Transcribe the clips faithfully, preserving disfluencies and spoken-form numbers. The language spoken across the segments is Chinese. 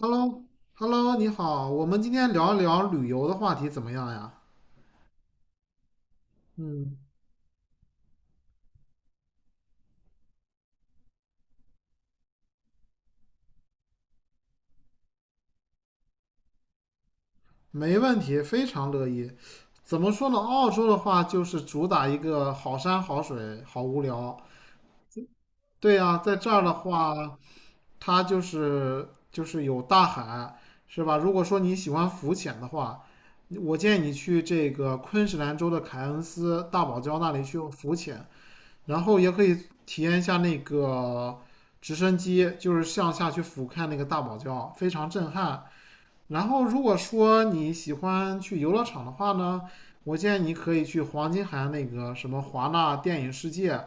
Hello，Hello，你好，我们今天聊一聊旅游的话题怎么样呀？嗯，没问题，非常乐意。怎么说呢？澳洲的话就是主打一个好山好水，好无聊。对呀，在这儿的话，它就是就是有大海，是吧？如果说你喜欢浮潜的话，我建议你去这个昆士兰州的凯恩斯大堡礁那里去浮潜，然后也可以体验一下那个直升机，就是向下去俯瞰那个大堡礁，非常震撼。然后如果说你喜欢去游乐场的话呢，我建议你可以去黄金海岸那个什么华纳电影世界。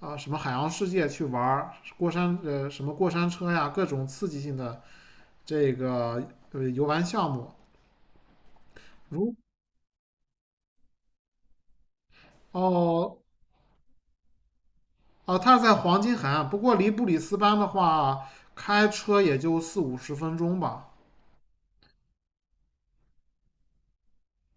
啊什么海洋世界去玩过山呃什么过山车呀，各种刺激性的这个呃游玩项目。如哦哦，它是在黄金海岸，不过离布里斯班的话，开车也就四五十分钟吧。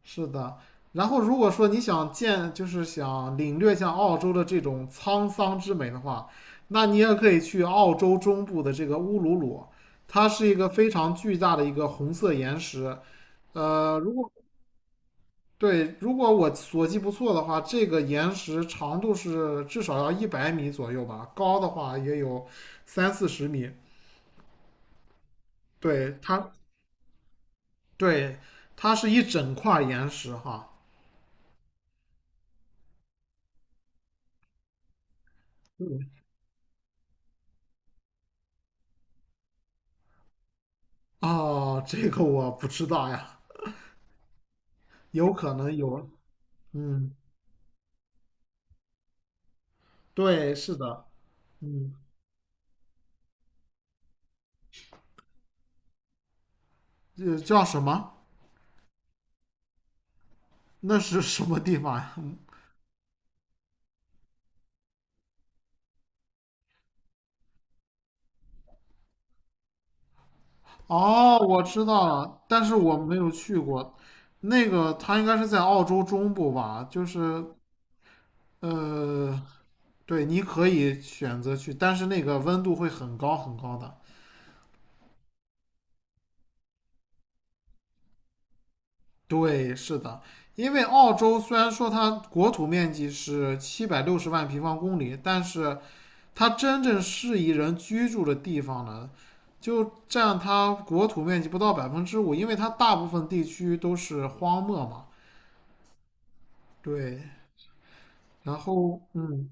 是的，然后如果说你想见，就是想领略像澳洲的这种沧桑之美的话，那你也可以去澳洲中部的这个乌鲁鲁，它是一个非常巨大的一个红色岩石。呃，如果对，如果我所记不错的话，这个岩石长度是至少要一百米左右吧，高的话也有三四十米。对，它，对，它是一整块岩石哈。哦，这个我不知道呀，有可能有。嗯，对，是的，嗯，这叫什么？那是什么地方呀？嗯哦，我知道了，但是我没有去过。那个，它应该是在澳洲中部吧？就是，呃。对，你可以选择去，但是那个温度会很高很高的。对，是的，因为澳洲虽然说它国土面积是七百六十万平方公里，但是它真正适宜人居住的地方呢，就占它国土面积不到百分之五，因为它大部分地区都是荒漠嘛。对，然后嗯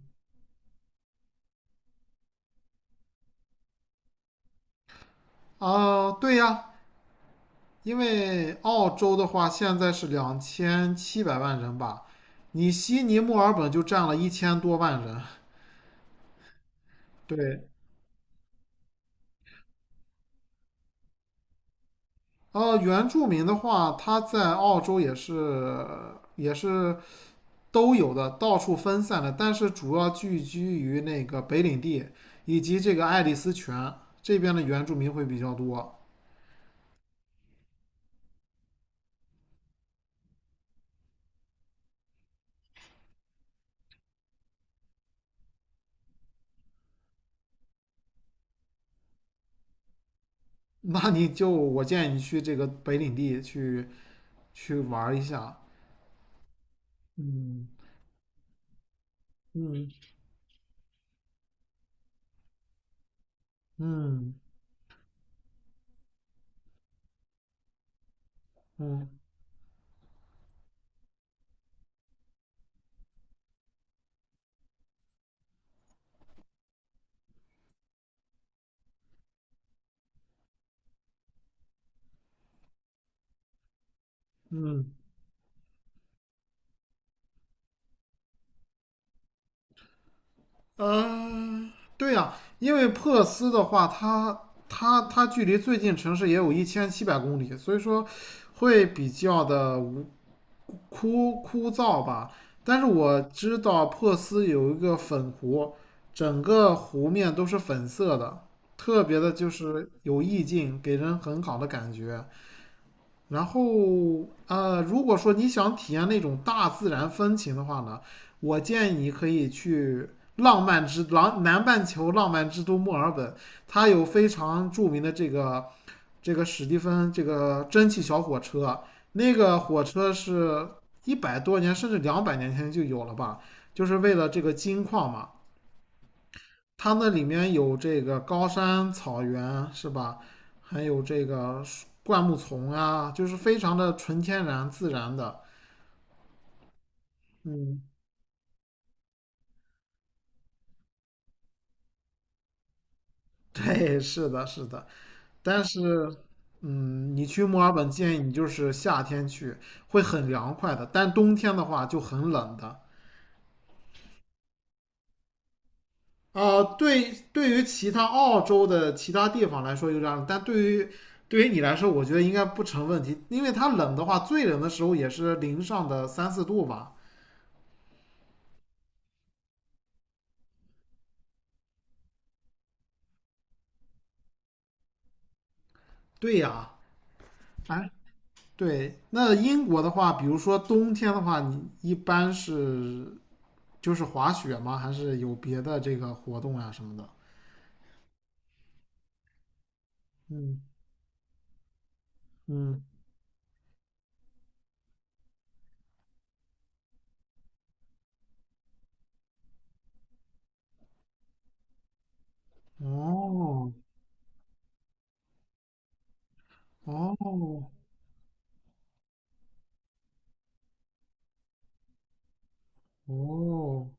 啊，对呀，因为澳洲的话现在是两千七百万人吧，你悉尼、墨尔本就占了一千多万人。对，呃，原住民的话，他在澳洲也是也是都有的，到处分散的，但是主要聚居于那个北领地以及这个爱丽丝泉这边的原住民会比较多。那你就我建议你去这个北领地去去玩一下。嗯嗯嗯嗯。嗯，呃，对呀、因为珀斯的话，它它它距离最近城市也有一千七百公里，所以说会比较的无枯枯燥吧。但是我知道珀斯有一个粉湖，整个湖面都是粉色的，特别的就是有意境，给人很好的感觉。然后呃，如果说你想体验那种大自然风情的话呢，我建议你可以去浪漫之浪南半球浪漫之都墨尔本，它有非常著名的这个这个史蒂芬这个蒸汽小火车，那个火车是一百多年甚至两百年前就有了吧，就是为了这个金矿嘛。它那里面有这个高山、草原，是吧？还有这个灌木丛啊，就是非常的纯天然、自然的。嗯，对，是的，是的。但是，嗯，你去墨尔本建议你就是夏天去，会很凉快的。但冬天的话就很冷的。呃，对，对于其他澳洲的其他地方来说有点冷，但对于对于你来说，我觉得应该不成问题，因为它冷的话，最冷的时候也是零上的三四度吧。对呀，哎，对。那英国的话，比如说冬天的话，你一般是就是滑雪吗？还是有别的这个活动呀什么的？嗯嗯，哦哦哦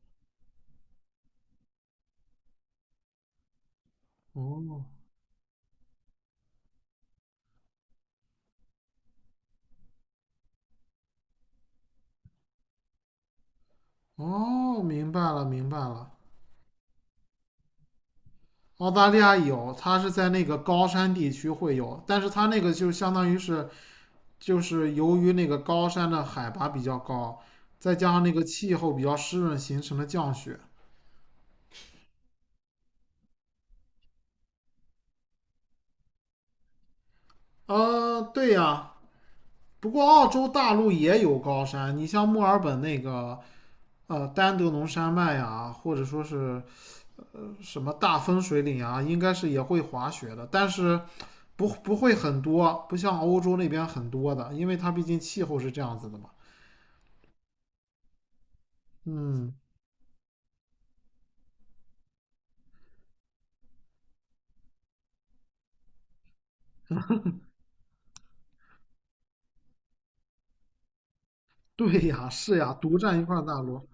哦哦，明白了明白了。澳大利亚有，它是在那个高山地区会有，但是它那个就相当于是，就是由于那个高山的海拔比较高，再加上那个气候比较湿润形成的降雪。呃，对呀，不过澳洲大陆也有高山，你像墨尔本那个呃丹德农山脉呀、或者说是什么大分水岭啊，应该是也会滑雪的，但是不不会很多，不像欧洲那边很多的，因为它毕竟气候是这样子的嘛。嗯，对呀，是呀，独占一块大陆，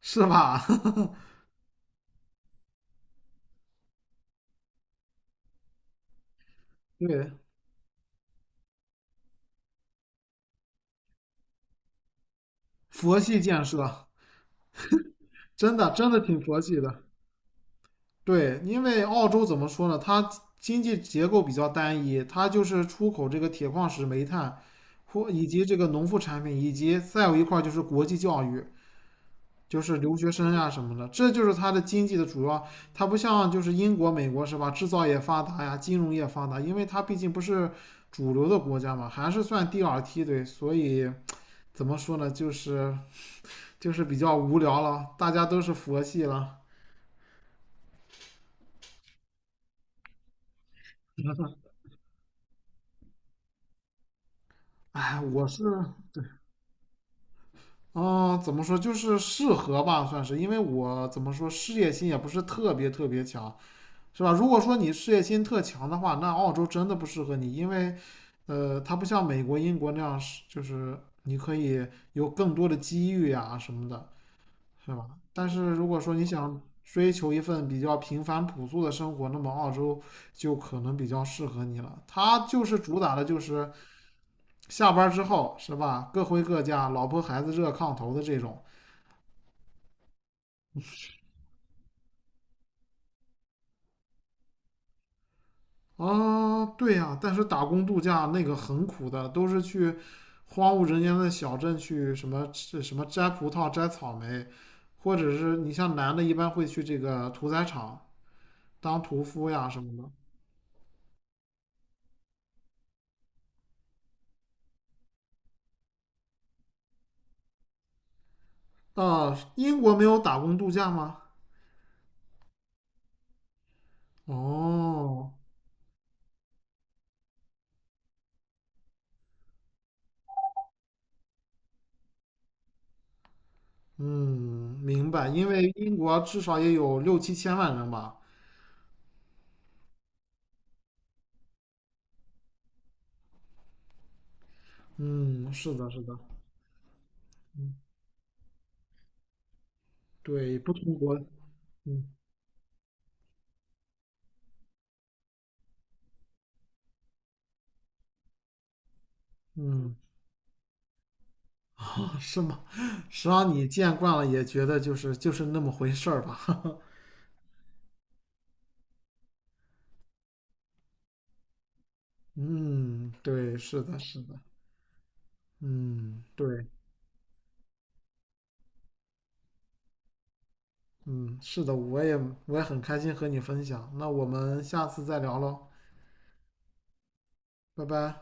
是吧？对，佛系建设，真的真的挺佛系的。对，因为澳洲怎么说呢？它经济结构比较单一，它就是出口这个铁矿石、煤炭，或以及这个农副产品，以及再有一块儿就是国际教育，就是留学生呀、什么的，这就是它的经济的主要。它不像就是英国、美国是吧？制造业发达呀，金融业发达，因为它毕竟不是主流的国家嘛，还是算第二梯队，所以怎么说呢？就是就是比较无聊了，大家都是佛系了。哎，我是。嗯，怎么说就是适合吧，算是，因为我怎么说事业心也不是特别特别强，是吧？如果说你事业心特强的话，那澳洲真的不适合你，因为，呃，它不像美国、英国那样是，就是你可以有更多的机遇呀什么的，是吧？但是如果说你想追求一份比较平凡朴素的生活，那么澳洲就可能比较适合你了。它就是主打的就是下班之后，是吧？各回各家，老婆孩子热炕头的这种。啊，对呀、但是打工度假那个很苦的，都是去荒无人烟的小镇去什么吃什么摘葡萄、摘草莓，或者是你像男的，一般会去这个屠宰场当屠夫呀什么的。啊，英国没有打工度假吗？哦，嗯，明白，因为英国至少也有六七千万人吧。嗯，是的，是的，对，不同国，嗯嗯。是吗？实际上你见惯了，也觉得就是就是那么回事儿吧。嗯，对，是的，是的，嗯，对，嗯，是的，我也我也很开心和你分享。那我们下次再聊喽，拜拜。